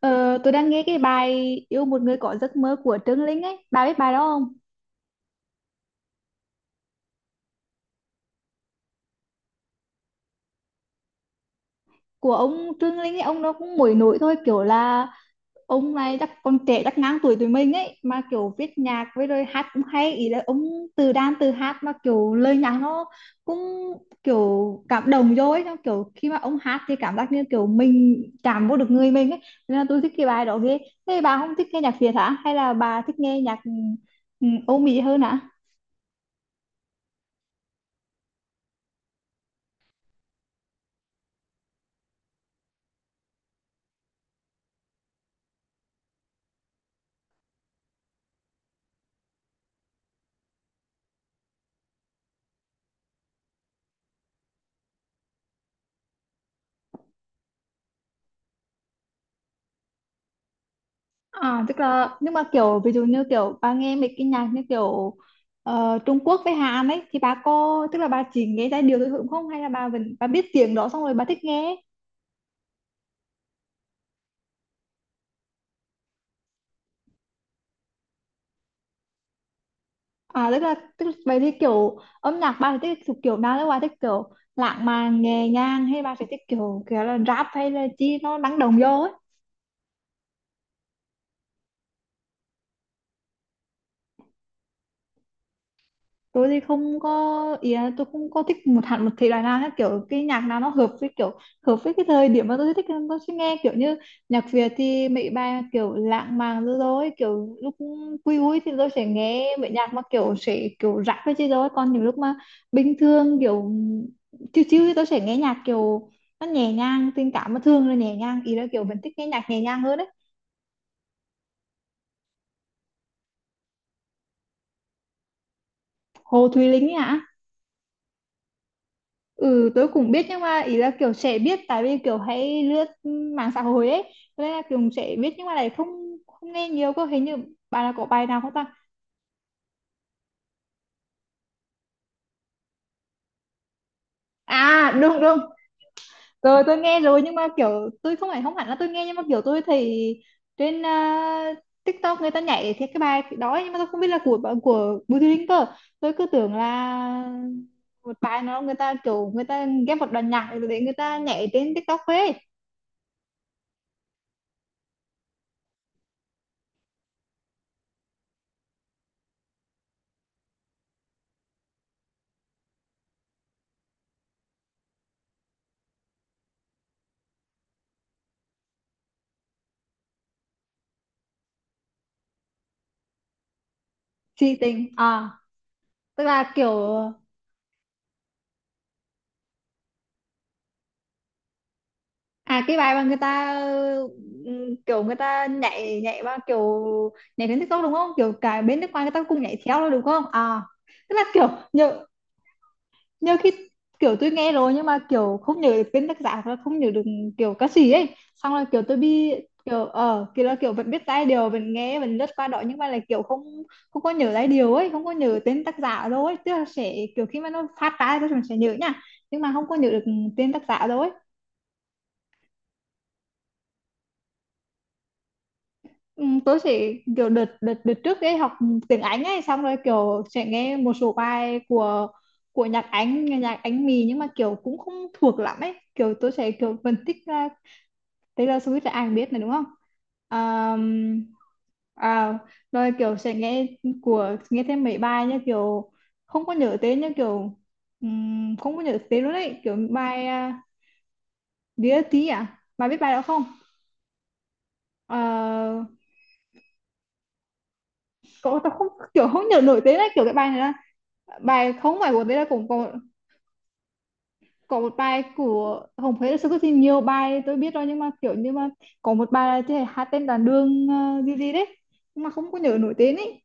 Ờ, tôi đang nghe cái bài Yêu một người có giấc mơ của Trương Linh ấy. Bà biết bài đó không? Của ông Trương Linh ấy, ông nó cũng nổi nổi thôi. Kiểu là ông này chắc còn trẻ, chắc ngang tuổi tụi mình ấy. Mà kiểu viết nhạc với rồi hát cũng hay. Ý là ông từ đàn từ hát mà kiểu lời nhạc nó cũng kiểu cảm động vô ấy. Xong kiểu khi mà ông hát thì cảm giác như kiểu mình chạm vô được người mình ấy. Nên là tôi thích cái bài đó ghê. Thế bà không thích nghe nhạc Việt hả? Hay là bà thích nghe nhạc Âu Mỹ hơn hả? À, tức là nhưng mà kiểu ví dụ như kiểu bà nghe mấy cái nhạc như kiểu Trung Quốc với Hàn ấy, thì bà có tức là bà chỉ nghe giai điệu thôi đúng không, hay là bà vẫn bà biết tiếng đó xong rồi bà thích nghe? À, tức là, vậy thì kiểu âm nhạc bà thì thích thuộc kiểu nào đấy, bà thích kiểu lãng mạn nhẹ nhàng hay bà sẽ thích kiểu kiểu là rap hay là chi nó năng động vô ấy? Tôi thì không có ý là tôi không có thích một hẳn một thể loại nào hết, kiểu cái nhạc nào nó hợp với kiểu hợp với cái thời điểm mà tôi thích tôi sẽ nghe, kiểu như nhạc Việt thì mấy bài kiểu lãng mạn rồi rồi kiểu lúc vui vui thì tôi sẽ nghe mấy nhạc mà kiểu sẽ kiểu rap với chứ, rồi còn những lúc mà bình thường kiểu chill chill thì tôi sẽ nghe nhạc kiểu nó nhẹ nhàng tình cảm, mà thường là nhẹ nhàng, ý là kiểu vẫn thích nghe nhạc nhẹ nhàng hơn đấy. Hồ Thùy Linh ấy ạ. Ừ, tôi cũng biết nhưng mà ý là kiểu sẽ biết tại vì kiểu hay lướt mạng xã hội ấy, cho nên là kiểu sẽ biết nhưng mà lại không không nghe nhiều cơ, hình như bài là có bài nào không ta? À, đúng đúng, tôi nghe rồi nhưng mà kiểu tôi không phải không hẳn là tôi nghe, nhưng mà kiểu tôi thấy trên TikTok người ta nhảy thì cái bài đó ấy, nhưng mà tôi không biết là của Bùi Thị Linh cơ, tôi cứ tưởng là một bài nó người ta kiểu người ta ghép một đoạn nhạc để người ta nhảy trên TikTok ấy. Si tình à? Tức là kiểu. À, cái bài mà người ta kiểu người ta nhảy nhảy vào kiểu nhảy đến TikTok đúng không? Kiểu cả bên nước ngoài người ta cũng nhảy theo đó đúng không? À, tức là kiểu nhớ nhớ khi kiểu tôi nghe rồi nhưng mà kiểu không nhớ được tên tác giả hoặc là không nhớ được kiểu ca sĩ ấy. Xong là kiểu tôi bị kiểu kiểu là kiểu vẫn biết giai điệu vẫn nghe vẫn lướt qua đó, nhưng mà là kiểu không không có nhớ giai điệu ấy, không có nhớ tên tác giả đâu ấy, tức là sẽ kiểu khi mà nó phát ra thì tôi sẽ nhớ nha, nhưng mà không có nhớ được tên tác giả đâu ấy. Ừ, tớ chỉ kiểu đợt đợt đợt trước ấy học tiếng Anh ấy, xong rồi kiểu sẽ nghe một số bài của nhạc Anh, nghe nhạc Anh mì nhưng mà kiểu cũng không thuộc lắm ấy, kiểu tớ sẽ kiểu phân tích ra Taylor Swift là ai biết này đúng không? um, À, rồi kiểu sẽ nghe của nghe thêm mấy bài như kiểu không có nhớ tên, như kiểu không có nhớ tên luôn ấy, kiểu bài Dear T à, bà biết bài đó không? Ờ, cậu tao không kiểu không nhớ nổi tên ấy, kiểu cái bài này là bài không phải của tên là cũng có một bài của Hồng Phế là sao, có thì nhiều bài tôi biết rồi nhưng mà kiểu như mà có một bài là cái hát tên đàn đường gì gì đấy nhưng mà không có nhớ nổi tên ấy.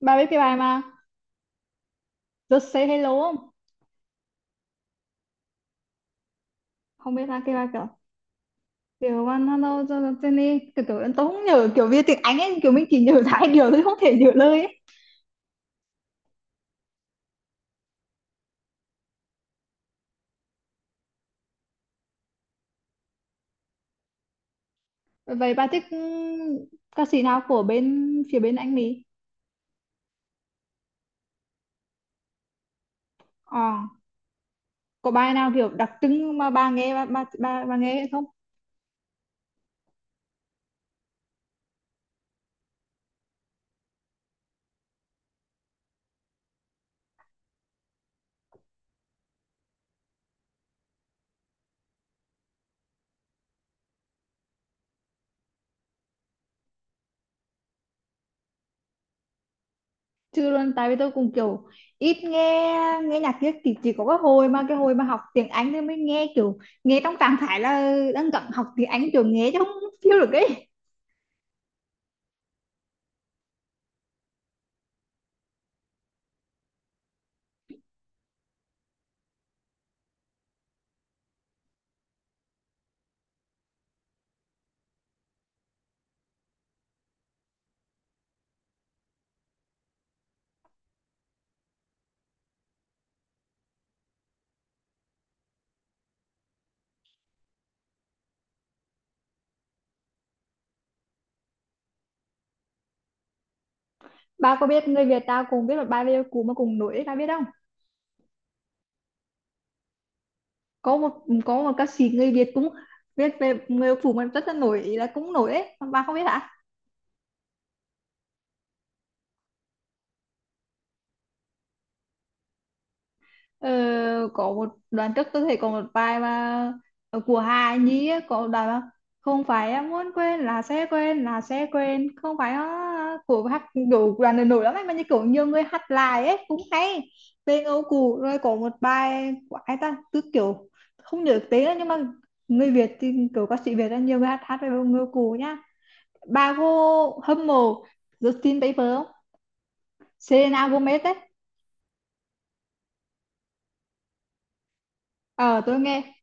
Bà biết cái bài mà Just Say Hello không? Không biết là cái bài kiểu kiểu one hello cho Jenny kiểu kiểu tôi không nhớ kiểu viết tiếng Anh ấy, kiểu mình chỉ nhớ hai điều tôi không thể nhớ lời ấy. Vậy bà thích ca sĩ nào của bên phía bên anh Mỹ? Ờ, có bài nào kiểu đặc trưng mà bà nghe không? Chưa luôn tại vì tôi cũng kiểu ít nghe nghe nhạc kia thì chỉ có cái hồi mà học tiếng Anh thì mới nghe, kiểu nghe trong trạng thái là đang cần học tiếng Anh kiểu nghe chứ không feel được ấy. Bà có biết người Việt ta cũng biết một bài về cũ mà cùng nổi ấy, bà biết không? Có một có một ca sĩ người Việt cũng viết về người phụ mà rất là nổi, là cũng nổi ấy, bà không biết hả? Ờ, có một đoạn trước tôi thấy có một bài mà của Hà Nhi á, có một đoạn mà không phải em muốn quên là sẽ quên là sẽ quên không phải á, của hát đủ đoạn này nổi lắm ấy, mà như kiểu nhiều người hát lại ấy cũng hay, bên Âu Cù rồi có một bài của ai ta cứ kiểu không nhớ tiếng nữa, nhưng mà người Việt thì kiểu ca sĩ Việt là nhiều người hát hát về người Âu Cù nhá. Bà cô hâm mộ Justin Bieber không? Selena Gomez ấy. Ờ, tôi nghe.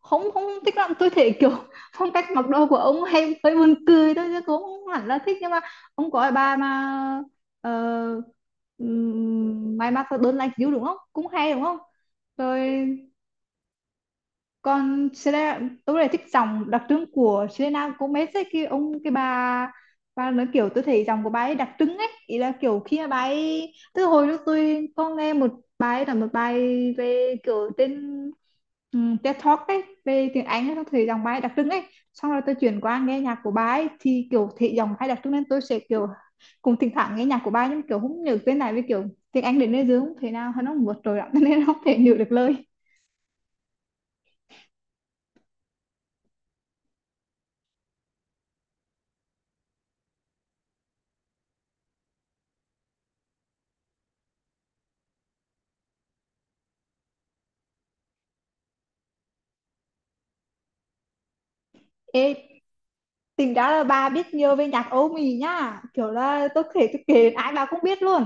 Không, không thích lắm, tôi thấy kiểu phong cách mặc đồ của ông hay hơi buồn cười thôi chứ cũng không hẳn là thích, nhưng mà ông có cái bà mà uh, may mặc đơn lạnh xíu đúng không, cũng hay đúng không? Rồi còn Selena, tôi lại thích dòng đặc trưng của Selena Gomez ấy, cái ông cái bà nói, kiểu tôi thấy dòng của bà ấy đặc trưng ấy, ý là kiểu khi mà bà ấy từ hồi lúc tôi có nghe một bài là một bài về kiểu tên TED Talk ấy về tiếng Anh ấy, tôi thấy giọng bà ấy đặc trưng ấy, xong rồi tôi chuyển qua nghe nhạc của bà ấy thì kiểu thị dòng hay đặc trưng nên tôi sẽ kiểu cùng thỉnh thoảng nghe nhạc của bà ấy nhưng kiểu không nhớ tên này với kiểu tiếng Anh đến nơi dưới không thể nào nó vượt trội lắm nên không thể nhớ được lời. Ê, tính ra là bà biết nhiều về nhạc Âu Mỹ nhá, kiểu là tôi kể ai bà cũng biết luôn.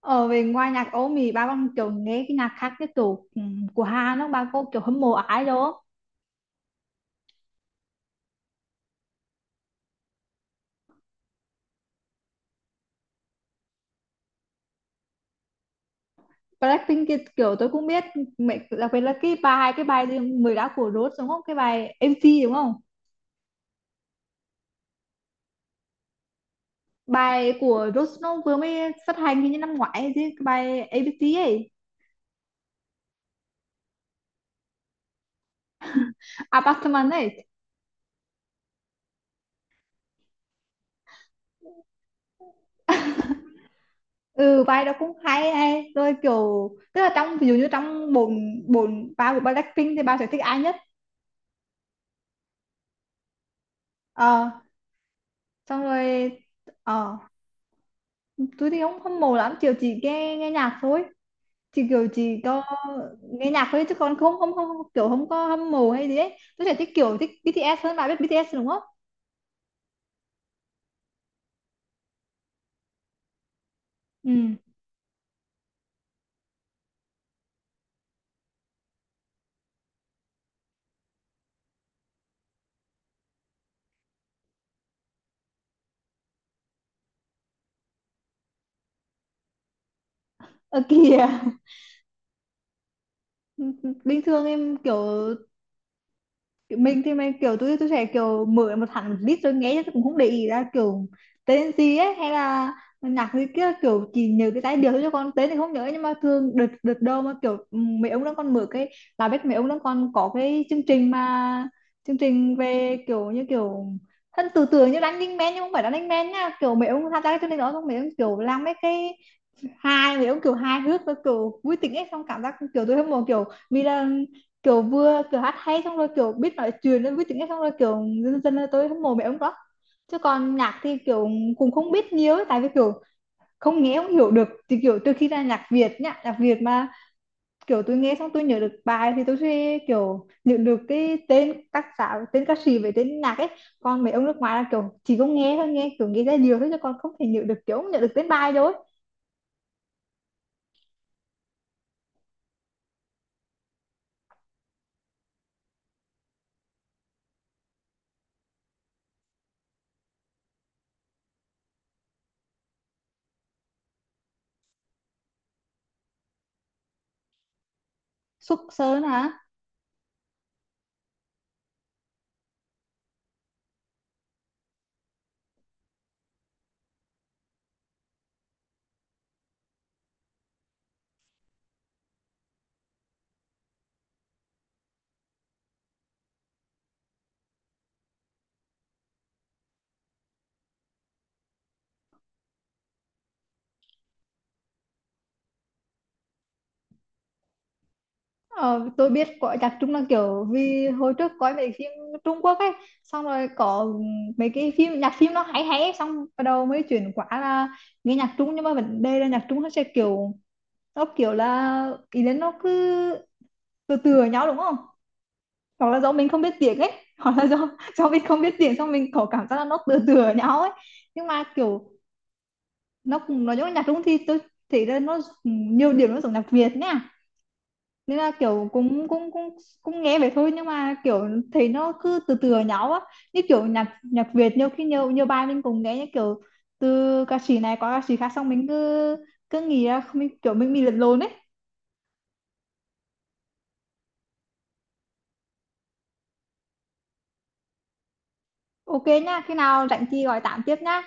Ở về ngoài nhạc Âu Mỹ bà còn kiểu nghe cái nhạc khác, cái kiểu của Hàn đó, bà có kiểu hâm mộ ai đó? Blackpink kia kiểu tôi cũng biết, mẹ đặc biệt là cái bài gì mới đã của Rose đúng không, cái bài MC đúng không? Bài của Rose nó vừa mới phát hành hình như năm ngoái ấy chứ, cái bài ABC ấy, Apartment ấy. Ừ, vai đó cũng hay ấy. Rồi kiểu tức là trong ví dụ như trong bốn bốn ba của Blackpink thì ba sẽ thích ai nhất? Ờ, xong rồi ờ tôi thì không hâm mộ lắm, kiểu chỉ nghe nghe nhạc thôi, chỉ kiểu chỉ có nghe nhạc thôi chứ còn không không không không- kiểu không có hâm mộ hay gì ấy, tôi sẽ thích kiểu thích BTS hơn, bà biết BTS đúng không? ừ ờ Kìa. Bình thường em kiểu mình thì mình kiểu tôi sẽ kiểu mở một hẳn một list rồi nghe chứ tôi cũng không để ý ra kiểu tên gì ấy hay là nhạc gì kia, kiểu chỉ nhớ cái giai điệu thôi chứ còn tên thì không nhớ, nhưng mà thường đợt đợt đâu mà kiểu mấy ông đang còn mở cái là biết mấy ông đang còn có cái chương trình mà chương trình về kiểu như kiểu thân từ từ như Running Man nhưng không phải Running Man nha, kiểu mấy ông tham gia cái chương trình đó xong mấy ông kiểu làm mấy cái hai mấy ông kiểu hài hước và kiểu vui tính ấy, xong cảm giác kiểu tôi hâm mộ kiểu Mira, kiểu vừa kiểu hát hay xong rồi kiểu biết nói chuyện nên vui tính ấy, xong rồi kiểu dân dân là tôi hâm mộ mẹ ông đó, chứ còn nhạc thì kiểu cũng không biết nhiều ấy, tại vì kiểu không nghe không hiểu được thì kiểu từ khi ra nhạc Việt nhá nhạc Việt mà kiểu tôi nghe xong tôi nhớ được bài thì tôi sẽ kiểu nhớ được cái tên tác giả tên ca sĩ với tên nhạc ấy, còn mấy ông nước ngoài là kiểu chỉ có nghe thôi, nghe kiểu nghe ra nhiều thôi chứ còn không thể nhớ được, kiểu không nhớ được tên bài đâu ấy. Xúc Sơn hả? Ờ, tôi biết có chắc chung là kiểu vì hồi trước coi mấy phim Trung Quốc ấy, xong rồi có mấy cái phim nhạc phim nó hay hay ấy, xong bắt đầu mới chuyển qua là nghe nhạc Trung, nhưng mà vấn đề là nhạc Trung nó sẽ kiểu nó kiểu là ý đến nó cứ từ từ ở nhau đúng không, hoặc là do mình không biết tiếng ấy hoặc là do mình không biết tiếng xong mình có cảm giác là nó từ từ ở nhau ấy, nhưng mà kiểu nó cũng nói giống nhạc Trung thì tôi thấy là nó nhiều điểm nó giống nhạc Việt nhé, nên là kiểu cũng cũng cũng cũng nghe vậy thôi nhưng mà kiểu thấy nó cứ từ từ nhau á, như kiểu nhạc nhạc Việt nhiều khi nhiều nhiều bài mình cũng nghe như kiểu từ ca sĩ này qua ca sĩ khác xong mình cứ cứ nghĩ là mình kiểu mình bị lẫn lộn ấy. Ok nhá, khi nào rảnh thì gọi tạm tiếp nhá.